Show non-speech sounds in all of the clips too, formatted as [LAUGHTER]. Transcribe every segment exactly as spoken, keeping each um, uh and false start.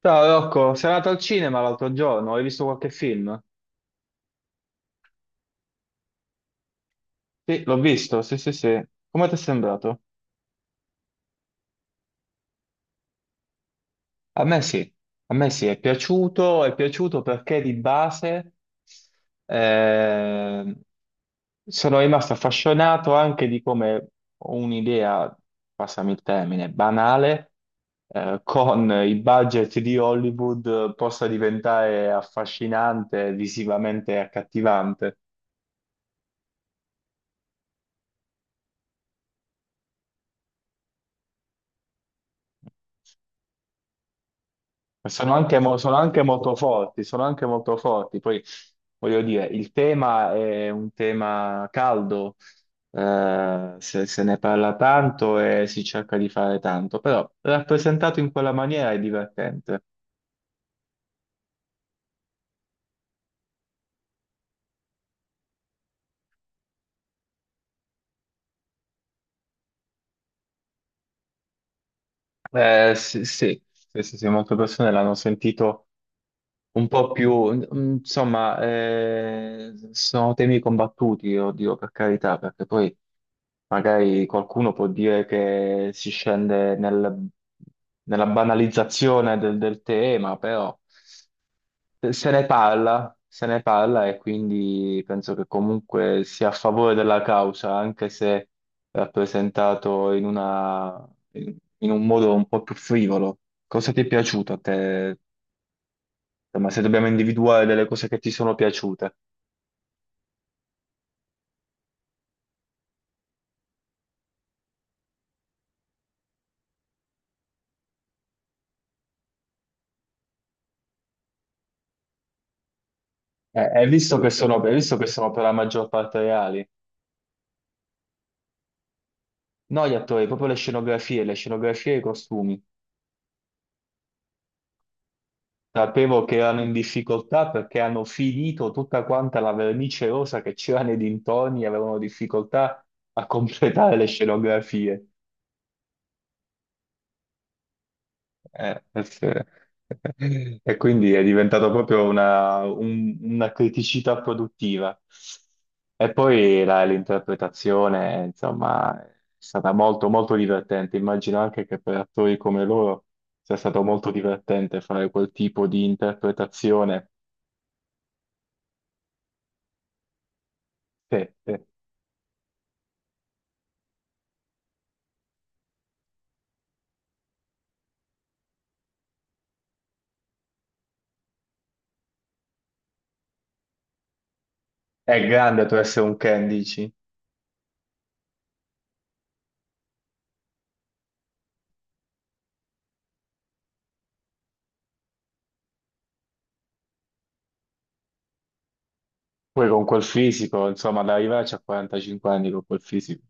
Ciao Rocco, sei andato al cinema l'altro giorno, hai visto qualche film? Sì, l'ho visto, sì, sì, sì. Come ti è sembrato? A me sì, a me sì, è piaciuto, è piaciuto perché di base eh, sono rimasto affascinato anche di come un'idea, passami il termine, banale, eh, con i budget di Hollywood possa diventare affascinante, visivamente accattivante. Sono anche, mo- sono anche molto forti, sono anche molto forti. Poi voglio dire, il tema è un tema caldo, eh, se, se ne parla tanto e si cerca di fare tanto, però rappresentato in quella maniera è divertente. Eh, sì, sì, sì, sì, sì, molte persone l'hanno sentito un po' più, mm, insomma, eh, sono temi combattuti, oddio, per carità, perché poi magari qualcuno può dire che si scende nel- nella banalizzazione del, del tema, però se ne parla, se ne parla e quindi penso che comunque sia a favore della causa, anche se rappresentato in una, in in un modo un po' più frivolo. Cosa ti è piaciuto a te, ma se dobbiamo individuare delle cose che ti sono piaciute, eh, hai visto che sono, hai visto che sono per la maggior parte reali? No, gli attori, proprio le scenografie, le scenografie e i costumi. Sapevo che erano in difficoltà perché hanno finito tutta quanta la vernice rosa che c'era nei dintorni e avevano difficoltà a completare le scenografie. Eh, sì. E quindi è diventato proprio una, un- una criticità produttiva. E poi la- l'interpretazione, insomma, è stata molto, molto divertente. Immagino anche che per attori come loro sia stato molto divertente fare quel tipo di interpretazione. Che che è grande tu essere un Ken, dici? Poi con quel fisico, insomma, ad arrivarci a quarantacinque anni con quel fisico.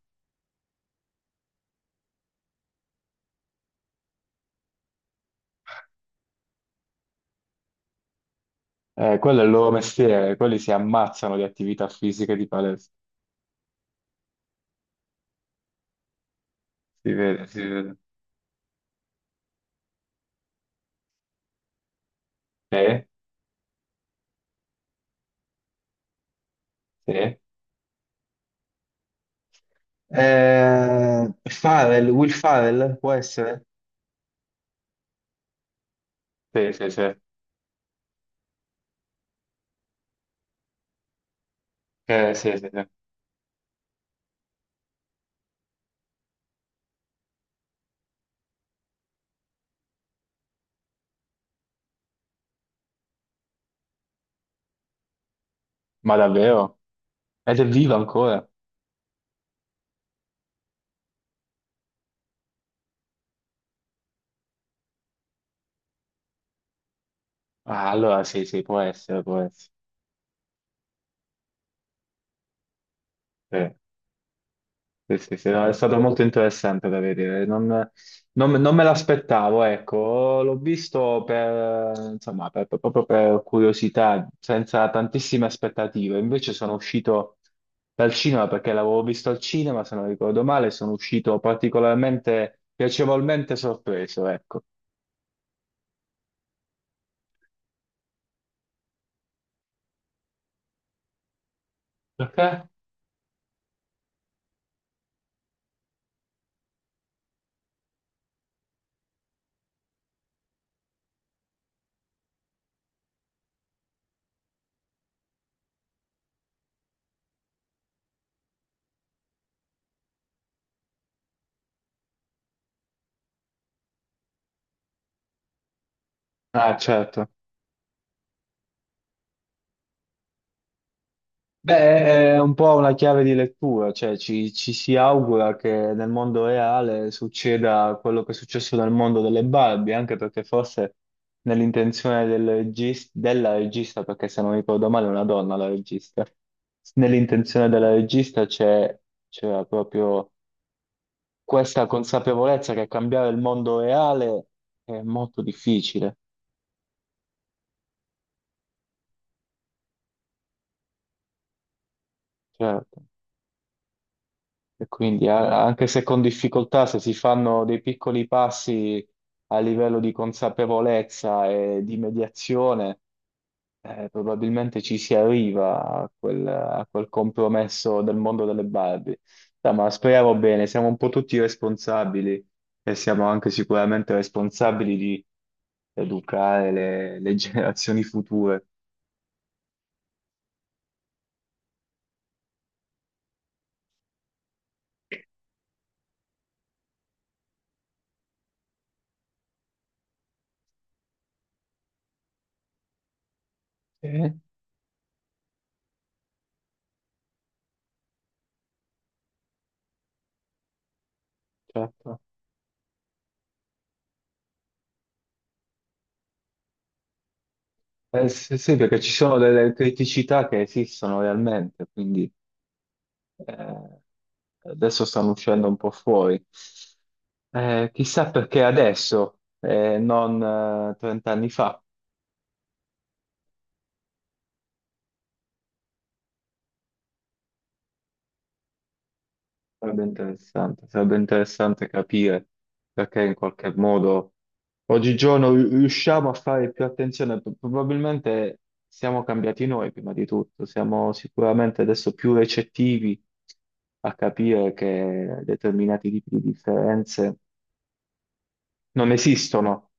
Eh, quello è il loro mestiere, quelli si ammazzano di attività fisiche di palestra. Si vede, si vede. Sì, sì. Eh, Farrell, Will Farrell, può essere? Sì, sì, sì. Eh, sì, sì, sì. Ma davvero? Ed è viva ancora? Ah, allora sì, sì, può essere, può essere. Sì. Sì, sì, sì, no, è stato molto interessante da vedere, non, non- non me l'aspettavo, ecco, l'ho visto per, insomma, per- proprio per curiosità, senza tantissime aspettative, invece sono uscito dal cinema perché l'avevo visto al cinema, se non ricordo male, sono uscito particolarmente, piacevolmente sorpreso, ecco. Perché? Ah, certo. Beh, è un po' una chiave di lettura, cioè ci, ci si augura che nel mondo reale succeda quello che è successo nel mondo delle Barbie, anche perché forse nell'intenzione del regis- della regista, perché se non ricordo male è una donna la regista, nell'intenzione della regista c'è c'era proprio questa consapevolezza che cambiare il mondo reale è molto difficile, certo. E quindi a- anche se con difficoltà, se si fanno dei piccoli passi a livello di consapevolezza e di mediazione, eh, probabilmente ci si arriva a quel, a quel compromesso del mondo delle Barbie. Dai, ma speriamo bene, siamo un po' tutti responsabili e siamo anche sicuramente responsabili di educare le, le [LAUGHS] generazioni future. Eh, certo. Eh, sì, sì, perché ci sono delle criticità che esistono realmente, quindi... Eh, adesso stanno uscendo un po' fuori. Eh, chissà perché adesso, eh, non eh, trenta anni fa. Sarebbe interessante, sarebbe interessante capire perché in qualche modo oggigiorno ri- riusciamo a fare più attenzione. P- Probabilmente siamo cambiati noi prima di tutto, siamo sicuramente adesso più recettivi a capire che determinati tipi di differenze non esistono.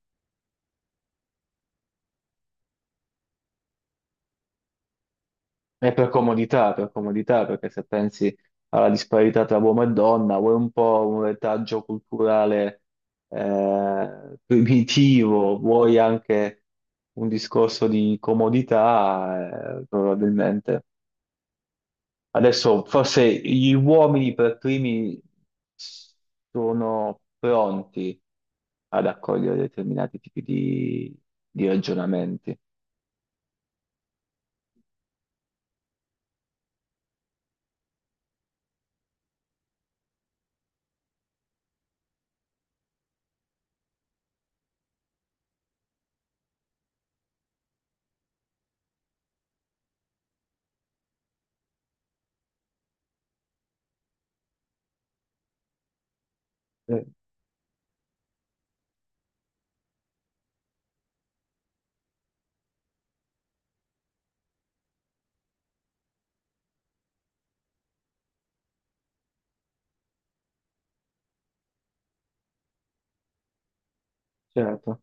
È per comodità, per comodità, perché se pensi alla disparità tra uomo e donna, vuoi un po' un retaggio culturale eh, primitivo, vuoi anche un discorso di comodità, eh, probabilmente. Adesso forse gli uomini per primi sono pronti ad accogliere determinati tipi di, di ragionamenti. Eh, certo.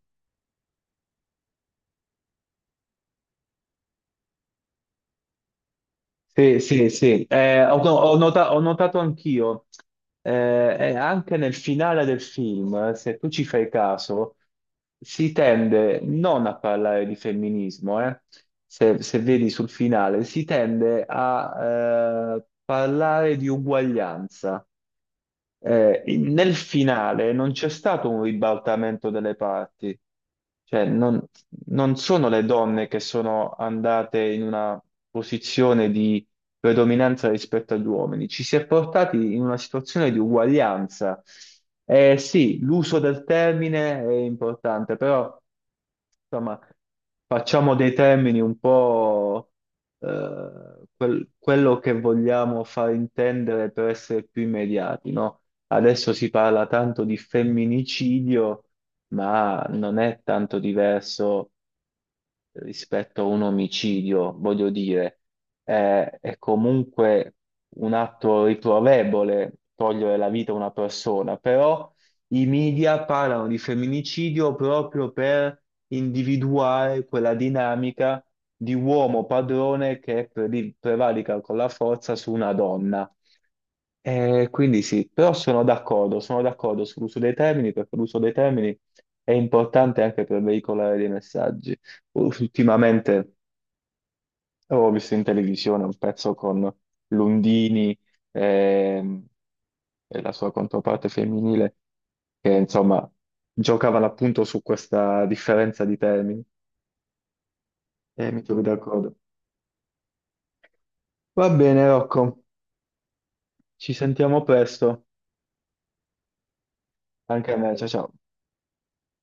Sì, sì, sì, eh, ho, ho nota- ho notato anch'io, eh, eh, anche nel finale del film, se tu ci fai caso, si tende non a parlare di femminismo, eh. Se, se vedi sul finale, si tende a eh, parlare di uguaglianza. Eh, in- nel finale non c'è stato un ribaltamento delle parti, cioè non, non sono le donne che sono andate in una posizione di predominanza rispetto agli uomini, ci si è portati in una situazione di uguaglianza. Eh, sì, l'uso del termine è importante, però insomma, facciamo dei termini un po' eh, quel- quello che vogliamo far intendere per essere più immediati, no? Adesso si parla tanto di femminicidio, ma non è tanto diverso eh, rispetto a un omicidio, voglio dire, è, è comunque un atto riprovevole togliere la vita a una persona, però i media parlano di femminicidio proprio per individuare quella dinamica di uomo padrone che pre- prevarica con la forza su una donna. Eh, quindi sì, però sono d'accordo, sono d'accordo sull'uso dei termini perché l'uso dei termini è importante anche per veicolare dei messaggi. Ultimamente oh, ho visto in televisione un pezzo con Lundini ehm, e la sua controparte femminile che insomma giocavano appunto su questa differenza di termini e mi trovi d'accordo. Va bene, Rocco, ci sentiamo presto, anche a me, ciao ciao.